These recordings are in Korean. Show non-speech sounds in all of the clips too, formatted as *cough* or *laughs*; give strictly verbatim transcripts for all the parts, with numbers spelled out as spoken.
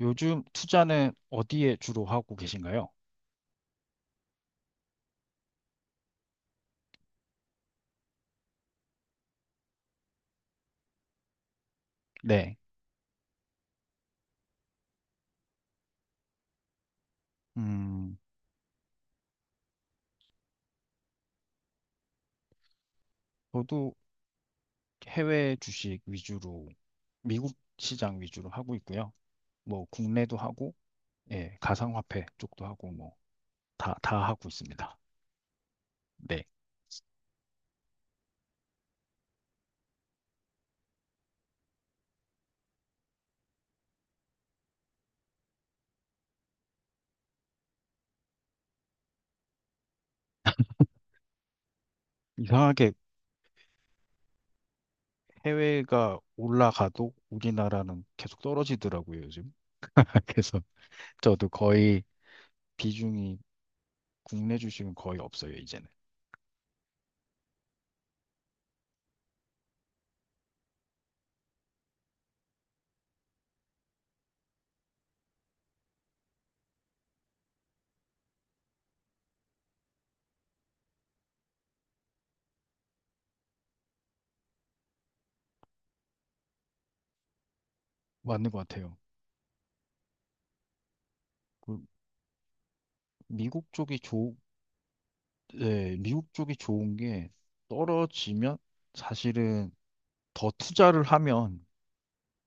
요즘 투자는 어디에 주로 하고 계신가요? 네. 음, 저도 해외 주식 위주로, 미국 시장 위주로 하고 있고요. 뭐, 국내도 하고, 예, 가상화폐 쪽도 하고, 뭐, 다, 다 하고 있습니다. 네. 이상하게 해외가 올라가도 우리나라는 계속 떨어지더라고요, 요즘. *laughs* 그래서 저도 거의 비중이 국내 주식은 거의 없어요, 이제는. 맞는 것 같아요. 그 미국 쪽이 좋, 네, 미국 쪽이 좋은 게 떨어지면 사실은 더 투자를 하면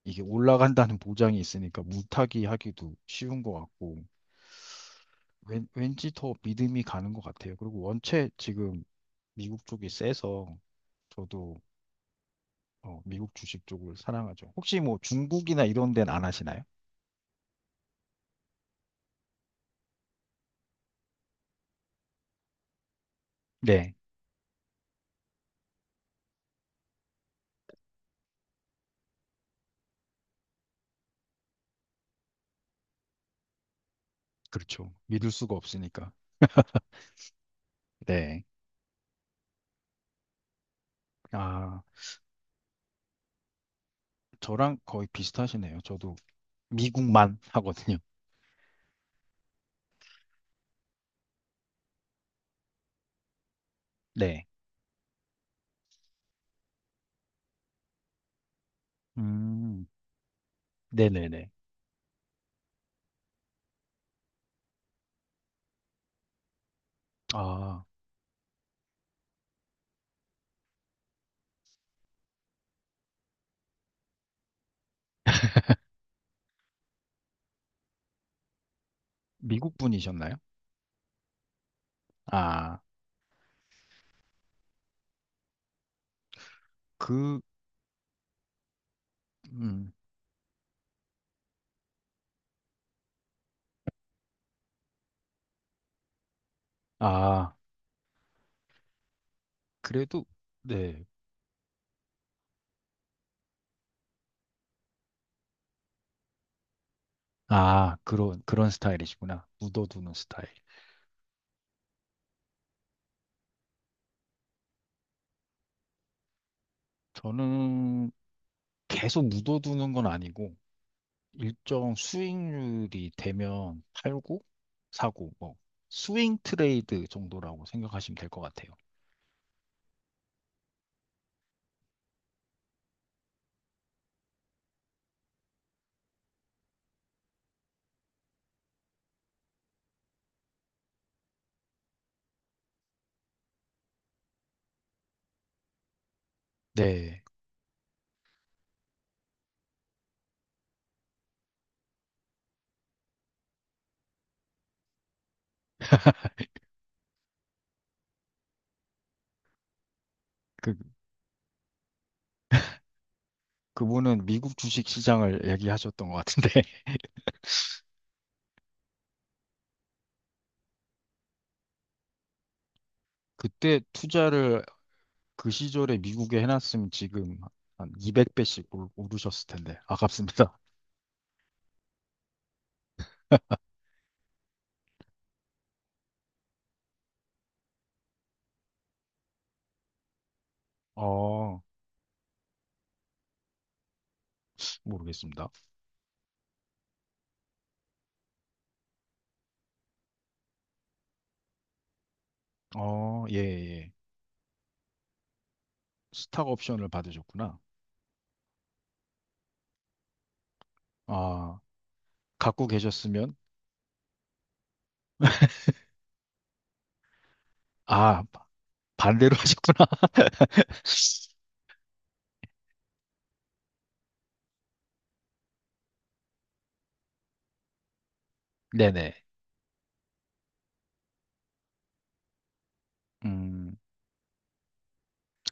이게 올라간다는 *laughs* 보장이 있으니까 물타기 하기도 쉬운 것 같고 왠, 왠지 더 믿음이 가는 것 같아요. 그리고 원체 지금 미국 쪽이 세서 저도 어, 미국 주식 쪽을 사랑하죠. 혹시 뭐 중국이나 이런 데는 안 하시나요? 네, 그렇죠. 믿을 수가 없으니까. 네. 아, 저랑 거의 비슷하시네요. 저도 미국만 *laughs* 하거든요. 네. 음, 네네네. 아, 미국 분이셨나요? 아, 그, 음, 아, 그래도, 네. 아, 그런, 그런 스타일이시구나. 묻어두는 스타일. 저는 계속 묻어두는 건 아니고, 일정 수익률이 되면 팔고, 사고, 뭐, 스윙 트레이드 정도라고 생각하시면 될 것 같아요. 네. *laughs* 그, 그분은 미국 주식 시장을 얘기하셨던 것 같은데, *laughs* 그때 투자를 그 시절에 미국에 해놨으면 지금 한 이백 배씩 오르셨을 텐데 아깝습니다. *laughs* 어, 모르겠습니다. 어, 예, 예. 스탁 옵션을 받으셨구나. 아, 갖고 계셨으면 아, 바- 반대로 *laughs* 하셨구나. *laughs* 네네. 음,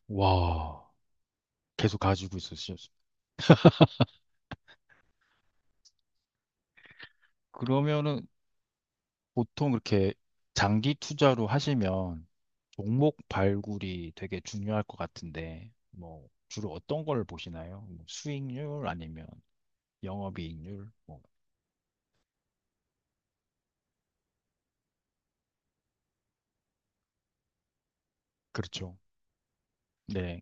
와, 계속 가지고 있으셨어요. 그러면은 보통 그렇게 장기 투자로 하시면 종목 발굴이 되게 중요할 것 같은데, 뭐, 주로 어떤 걸 보시나요? 뭐 수익률 아니면 영업이익률? 뭐, 그렇죠. 네,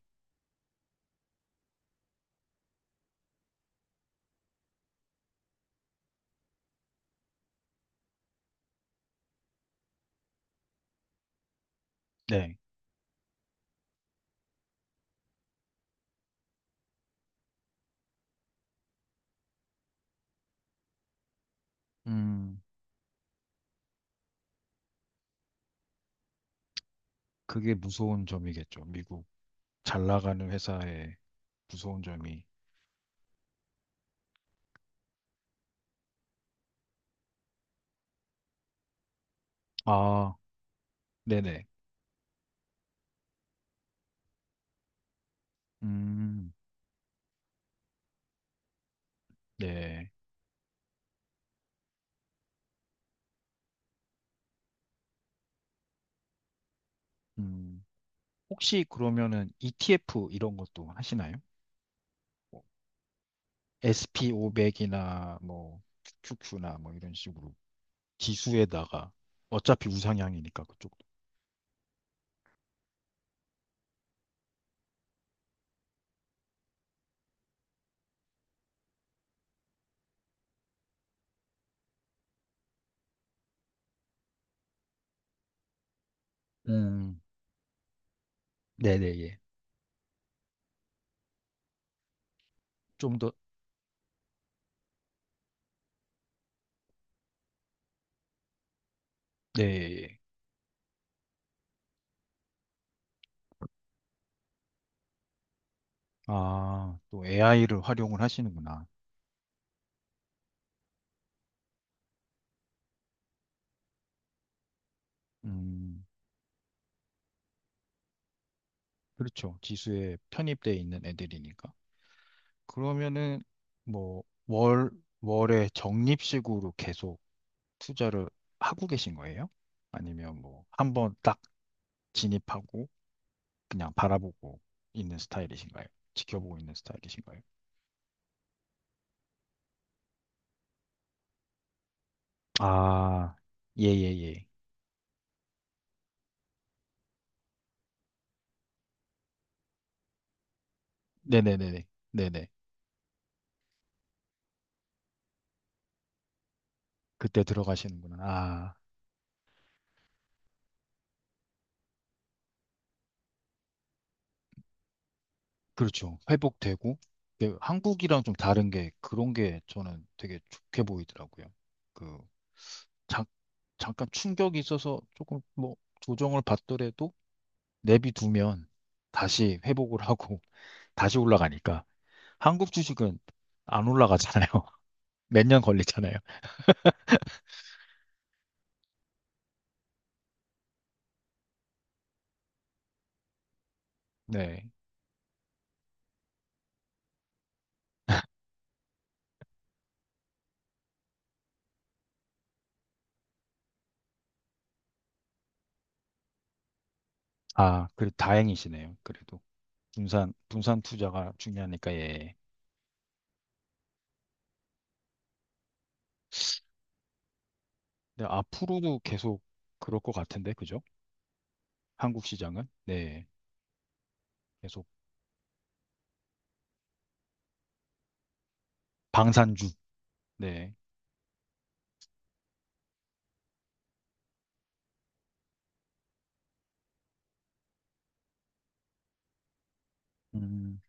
네. 음, 그게 무서운 점이겠죠. 미국 잘 나가는 회사의 무서운 점이. 아, 네네. 음, 네. 음, 혹시 그러면은 이티에프 이런 것도 하시나요? 뭐 에스피 오백이나 뭐 큐큐나 뭐 이런 식으로 기수에다가 어차피 우상향이니까 그쪽도. 음, 네네, 예. 좀 더, 네. 예. 예. 아, 또 에이아이를 활용을 하시는구나. 음, 그렇죠. 기수에 편입돼 있는 애들이니까. 그러면은 뭐 월, 월에 적립식으로 계속 투자를 하고 계신 거예요? 아니면 뭐 한 번 딱 진입하고 그냥 바라보고 있는 스타일이신가요? 지켜보고 있는 스타일이신가요? 아, 예, 예, 예. 네네네네. 네네. 그때 들어가시는구나. 아, 그렇죠. 회복되고. 근데 한국이랑 좀 다른 게 그런 게 저는 되게 좋게 보이더라고요. 그, 잠, 잠깐 충격이 있어서 조금 뭐 조정을 받더라도 내비두면 다시 회복을 하고 *laughs* 다시 올라가니까. 한국 주식은 안 올라가잖아요. *laughs* 몇 년 걸리잖아요. 네. 아, 그래 다행이시네요. 그래도 분산 분산 투자가 중요하니까 예. 근데 앞으로도 계속 그럴 것 같은데 그죠? 한국 시장은 네 계속 방산주 네. 음,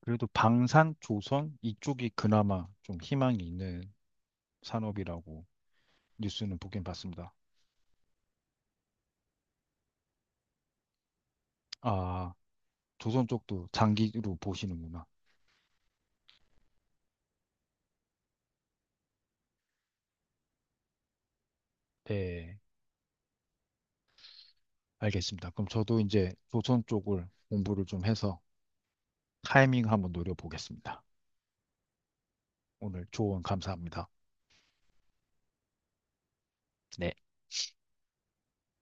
그래도 방산 조선 이쪽이 그나마 좀 희망이 있는 산업이라고 뉴스는 보긴 봤습니다. 아 조선 쪽도 장기로 보시는구나. 네 알겠습니다. 그럼 저도 이제 조선 쪽을 공부를 좀 해서 타이밍 한번 노려보겠습니다. 오늘 조언 감사합니다. 네.